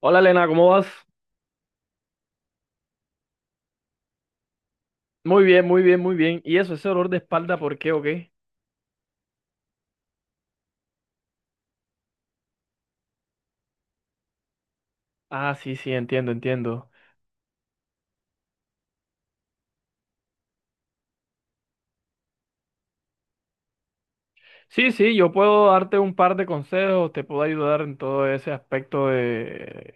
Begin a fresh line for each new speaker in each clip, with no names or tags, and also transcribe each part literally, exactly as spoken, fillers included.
Hola Elena, ¿cómo vas? Muy bien, muy bien, muy bien. ¿Y eso, ese dolor de espalda, por qué o qué? Ah, sí, sí, entiendo, entiendo. Sí, sí, yo puedo darte un par de consejos, te puedo ayudar en todo ese aspecto de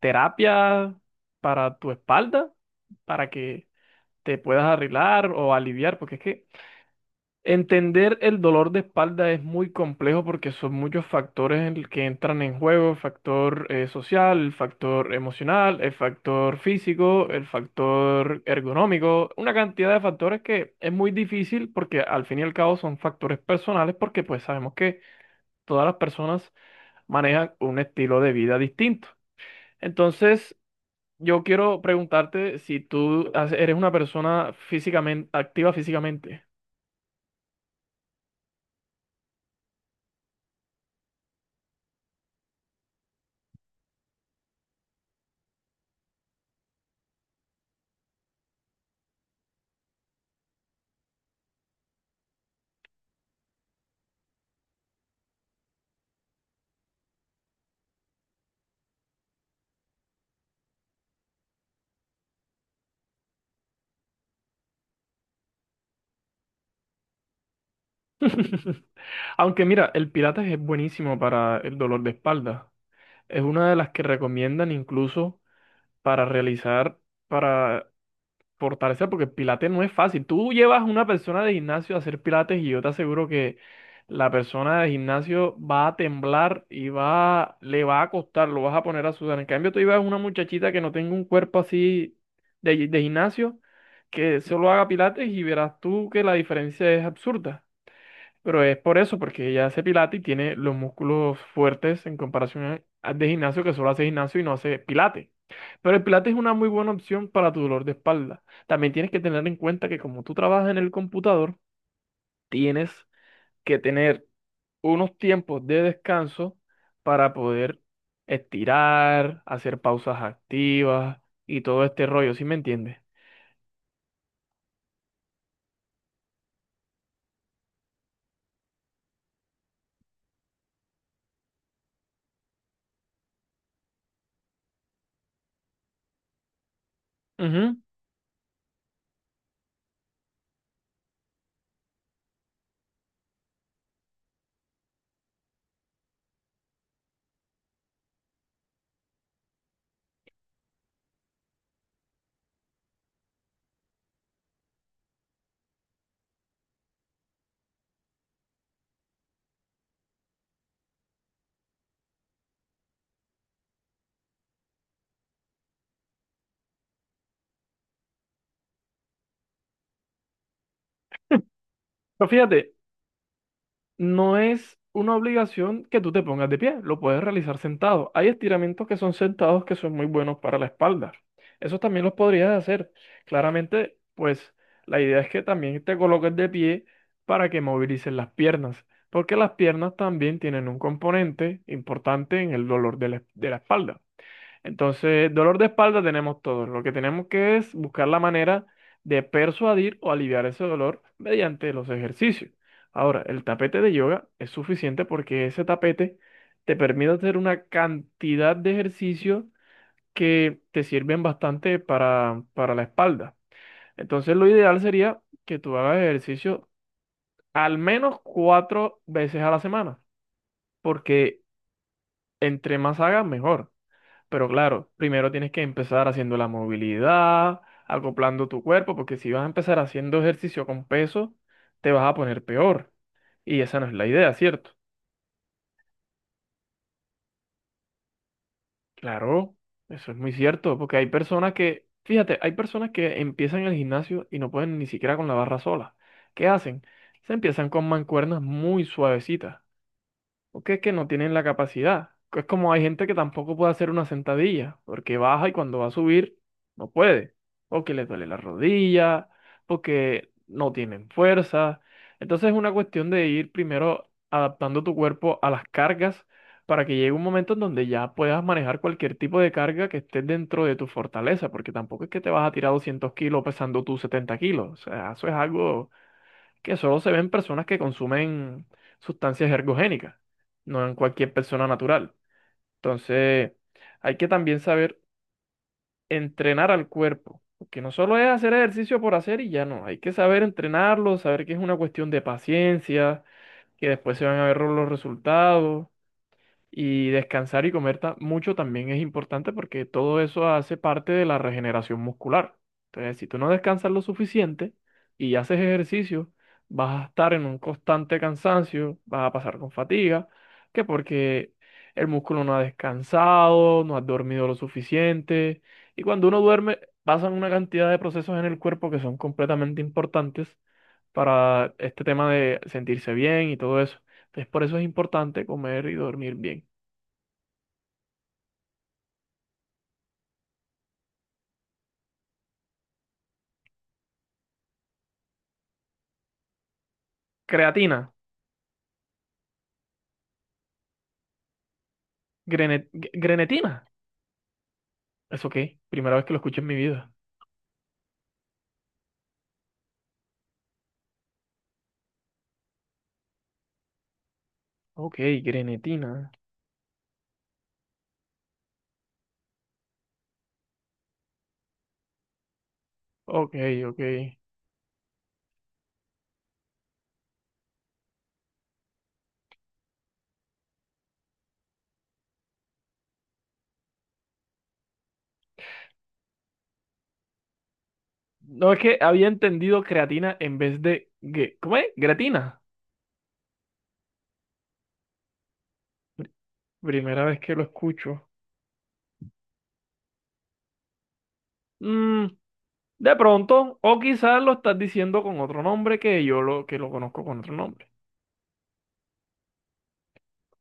terapia para tu espalda, para que te puedas arreglar o aliviar, porque es que entender el dolor de espalda es muy complejo porque son muchos factores en el que entran en juego, el factor eh, social, el factor emocional, el factor físico, el factor ergonómico, una cantidad de factores que es muy difícil porque al fin y al cabo son factores personales porque pues sabemos que todas las personas manejan un estilo de vida distinto. Entonces, yo quiero preguntarte si tú has- eres una persona físicamente activa físicamente. Aunque mira, el Pilates es buenísimo para el dolor de espalda. Es una de las que recomiendan incluso para realizar, para fortalecer, porque el Pilates no es fácil. Tú llevas a una persona de gimnasio a hacer Pilates y yo te aseguro que la persona de gimnasio va a temblar y va, le va a costar, lo vas a poner a sudar. En cambio, tú llevas a una muchachita que no tenga un cuerpo así de, gi- de gimnasio, que solo haga Pilates y verás tú que la diferencia es absurda. Pero es por eso, porque ella hace pilates y tiene los músculos fuertes en comparación a- de gimnasio, que solo hace gimnasio y no hace pilates. Pero el pilates es una muy buena opción para tu dolor de espalda. También tienes que tener en cuenta que como tú trabajas en el computador, tienes que tener unos tiempos de descanso para poder estirar, hacer pausas activas y todo este rollo, ¿sí me entiendes? Ujú. Pero fíjate, no es una obligación que tú te pongas de pie, lo puedes realizar sentado. Hay estiramientos que son sentados que son muy buenos para la espalda. Eso también los podrías hacer. Claramente, pues la idea es que también te coloques de pie para que movilices las piernas, porque las piernas también tienen un componente importante en el dolor de la de la espalda. Entonces, dolor de espalda tenemos todos. Lo que tenemos que es buscar la manera de persuadir o aliviar ese dolor mediante los ejercicios. Ahora, el tapete de yoga es suficiente porque ese tapete te permite hacer una cantidad de ejercicios que te sirven bastante para, para la espalda. Entonces, lo ideal sería que tú hagas ejercicio al menos cuatro veces a la semana, porque entre más hagas, mejor. Pero claro, primero tienes que empezar haciendo la movilidad, acoplando tu cuerpo, porque si vas a empezar haciendo ejercicio con peso, te vas a poner peor. Y esa no es la idea, ¿cierto? Claro, eso es muy cierto, porque hay personas que, fíjate, hay personas que empiezan el gimnasio y no pueden ni siquiera con la barra sola. ¿Qué hacen? Se empiezan con mancuernas muy suavecitas, porque es que no tienen la capacidad. Es como hay gente que tampoco puede hacer una sentadilla, porque baja y cuando va a subir no puede, o que les duele la rodilla, porque no tienen fuerza. Entonces es una cuestión de ir primero adaptando tu cuerpo a las cargas para que llegue un momento en donde ya puedas manejar cualquier tipo de carga que esté dentro de tu fortaleza, porque tampoco es que te vas a tirar doscientos kilos pesando tus setenta kilos, o sea, eso es algo que solo se ve en personas que consumen sustancias ergogénicas, no en cualquier persona natural. Entonces, hay que también saber entrenar al cuerpo, porque no solo es hacer ejercicio por hacer y ya no, hay que saber entrenarlo, saber que es una cuestión de paciencia, que después se van a ver los resultados. Y descansar y comer ta- mucho también es importante porque todo eso hace parte de la regeneración muscular. Entonces, si tú no descansas lo suficiente y haces ejercicio, vas a estar en un constante cansancio, vas a pasar con fatiga, que porque el músculo no ha descansado, no has dormido lo suficiente. Y cuando uno duerme, pasan una cantidad de procesos en el cuerpo que son completamente importantes para este tema de sentirse bien y todo eso. Entonces, por eso es importante comer y dormir bien. Creatina. Grene- Grenetina. ¿Eso qué? Primera vez que lo escucho en mi vida. Ok, grenetina. Ok, ok. No, es que había entendido creatina en vez de gue- ¿cómo es? Gratina. Pr- Primera vez que lo escucho. Mm, de pronto, o quizás lo estás diciendo con otro nombre que yo lo, que lo conozco con otro nombre.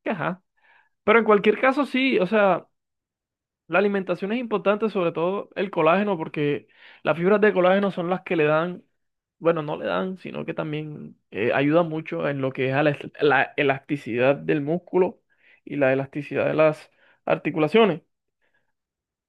Que ajá. Pero en cualquier caso, sí, o sea, la alimentación es importante, sobre todo el colágeno, porque las fibras de colágeno son las que le dan, bueno, no le dan, sino que también eh, ayudan mucho en lo que es a la, la elasticidad del músculo y la elasticidad de las articulaciones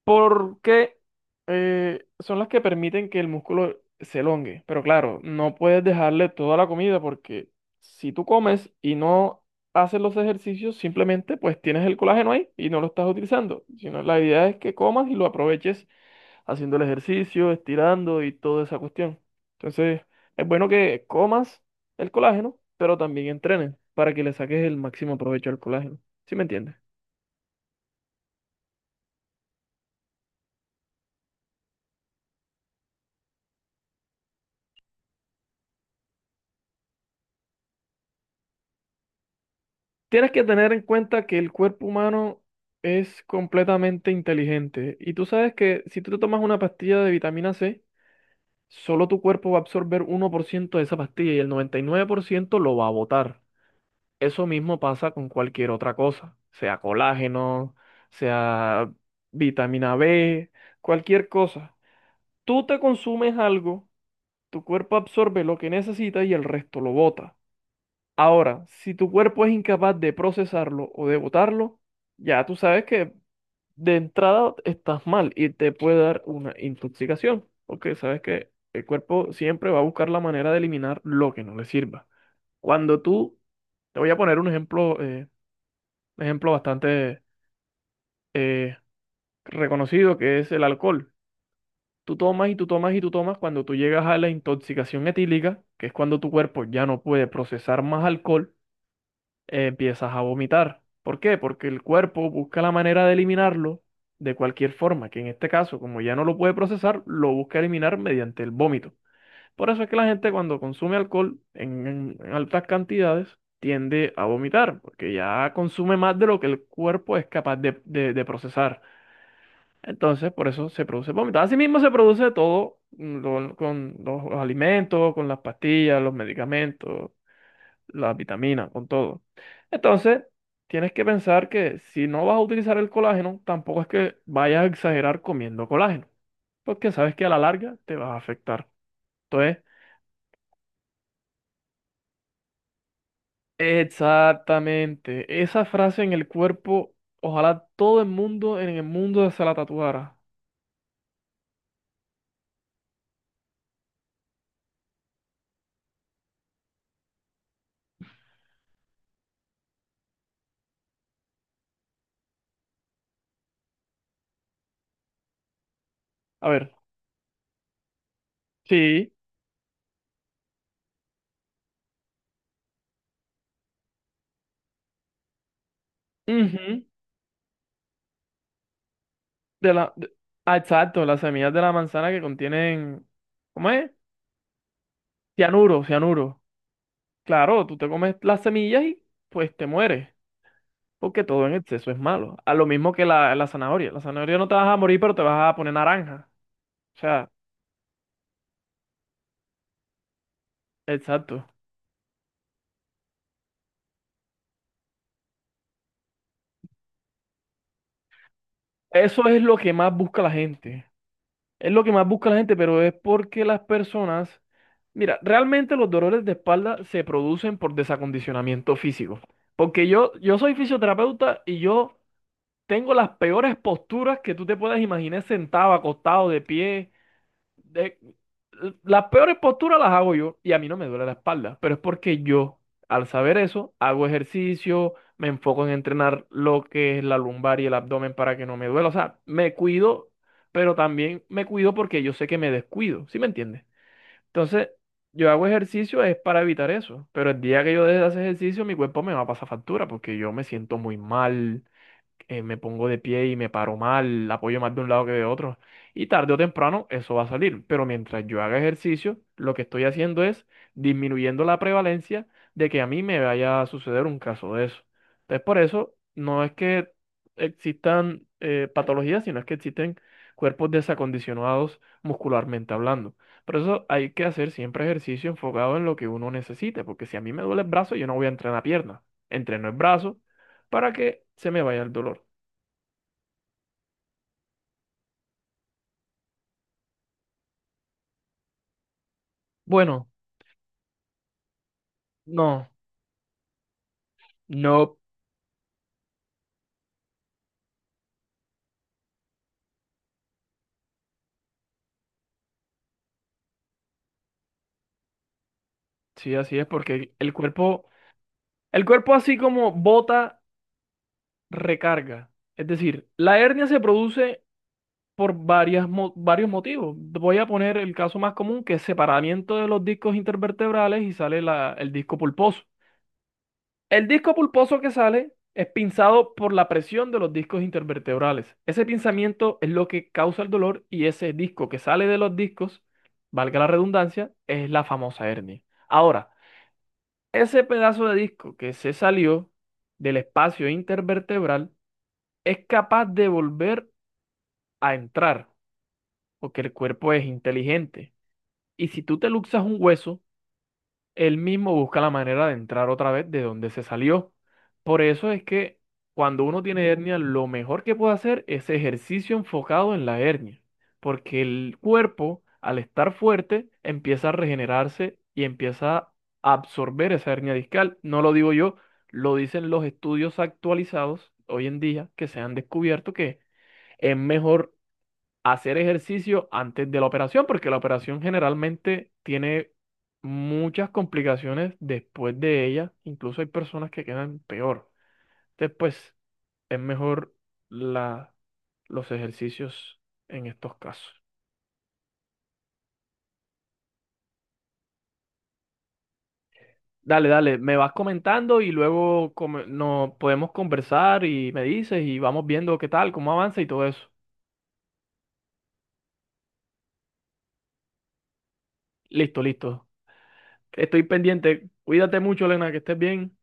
porque eh, son las que permiten que el músculo se elongue. Pero claro, no puedes dejarle toda la comida porque si tú comes y no haces los ejercicios, simplemente pues tienes el colágeno ahí y no lo estás utilizando. Sino la idea es que comas y lo aproveches haciendo el ejercicio, estirando y toda esa cuestión. Entonces, es bueno que comas el colágeno, pero también entrenes para que le saques el máximo provecho al colágeno. ¿Sí me entiendes? Tienes que tener en cuenta que el cuerpo humano es completamente inteligente y tú sabes que si tú te tomas una pastilla de vitamina C, solo tu cuerpo va a absorber uno por ciento de esa pastilla y el noventa y nueve por ciento lo va a botar. Eso mismo pasa con cualquier otra cosa, sea colágeno, sea vitamina B, cualquier cosa. Tú te consumes algo, tu cuerpo absorbe lo que necesita y el resto lo bota. Ahora, si tu cuerpo es incapaz de procesarlo o de botarlo, ya tú sabes que de entrada estás mal y te puede dar una intoxicación, porque sabes que el cuerpo siempre va a buscar la manera de eliminar lo que no le sirva. Cuando tú, te voy a poner un ejemplo, eh, un ejemplo bastante eh, reconocido que es el alcohol. Tú tomas y tú tomas y tú tomas, cuando tú llegas a la intoxicación etílica, que es cuando tu cuerpo ya no puede procesar más alcohol, eh, empiezas a vomitar. ¿Por qué? Porque el cuerpo busca la manera de eliminarlo de cualquier forma, que en este caso, como ya no lo puede procesar, lo busca eliminar mediante el vómito. Por eso es que la gente cuando consume alcohol en, en- en altas cantidades tiende a vomitar, porque ya consume más de lo que el cuerpo es capaz de, de- de procesar. Entonces, por eso se produce vómito. Asimismo, se produce todo mm, lo- con los alimentos, con las pastillas, los medicamentos, las vitaminas, con todo. Entonces, tienes que pensar que si no vas a utilizar el colágeno, tampoco es que vayas a exagerar comiendo colágeno, porque sabes que a la larga te vas a afectar. Entonces, exactamente, esa frase en el cuerpo, ojalá todo el mundo en el mundo se la tatuara. A ver, sí, ujú, de la, de- ah, exacto, las semillas de la manzana que contienen, ¿cómo es? Cianuro, cianuro. Claro, tú te comes las semillas y pues te mueres. Porque todo en exceso es malo. A lo mismo que la, la zanahoria. La zanahoria no te vas a morir, pero te vas a poner naranja. O sea, exacto. Eso es lo que más busca la gente. Es lo que más busca la gente, pero es porque las personas, mira, realmente los dolores de espalda se producen por desacondicionamiento físico. Porque yo, yo soy fisioterapeuta y yo tengo las peores posturas que tú te puedas imaginar sentado, acostado, de pie. de- las peores posturas las hago yo y a mí no me duele la espalda, pero es porque yo, al saber eso, hago ejercicio, me enfoco en entrenar lo que es la lumbar y el abdomen para que no me duela. O sea, me cuido, pero también me cuido porque yo sé que me descuido, ¿sí me entiendes? Entonces, yo hago ejercicio es para evitar eso, pero el día que yo deje de hacer ejercicio, mi cuerpo me va a pasar factura porque yo me siento muy mal, eh, me pongo de pie y me paro mal, apoyo más de un lado que de otro. Y tarde o temprano eso va a salir. Pero mientras yo haga ejercicio, lo que estoy haciendo es disminuyendo la prevalencia de que a mí me vaya a suceder un caso de eso. Entonces, por eso no es que existan eh, patologías, sino es que existen cuerpos desacondicionados muscularmente hablando. Por eso hay que hacer siempre ejercicio enfocado en lo que uno necesite, porque si a mí me duele el brazo, yo no voy a entrenar pierna. Entreno el brazo para que se me vaya el dolor. Bueno, no, no, sí, así es, porque el el cuerpo, el cuerpo así como bota, recarga. Es decir, la hernia se produce por varias, mo- varios motivos. Voy a poner el caso más común, que es separamiento de los discos intervertebrales y sale la- el disco pulposo. El disco pulposo que sale es pinzado por la presión de los discos intervertebrales. Ese pinzamiento es lo que causa el dolor y ese disco que sale de los discos, valga la redundancia, es la famosa hernia. Ahora, ese pedazo de disco que se salió del espacio intervertebral es capaz de volver a entrar, porque el cuerpo es inteligente. Y si tú te luxas un hueso, él mismo busca la manera de entrar otra vez de donde se salió. Por eso es que cuando uno tiene hernia, lo mejor que puede hacer es ejercicio enfocado en la hernia, porque el cuerpo, al estar fuerte, empieza a regenerarse y empieza a absorber esa hernia discal. No lo digo yo, lo dicen los estudios actualizados hoy en día que se han descubierto que es mejor hacer ejercicio antes de la operación, porque la operación generalmente tiene muchas complicaciones después de ella, incluso hay personas que quedan peor. Después es mejor la, los ejercicios en estos casos. Dale, dale, me vas comentando y luego come- nos podemos conversar y me dices y vamos viendo qué tal, cómo avanza y todo eso. Listo, listo. Estoy pendiente. Cuídate mucho, Elena, que estés bien.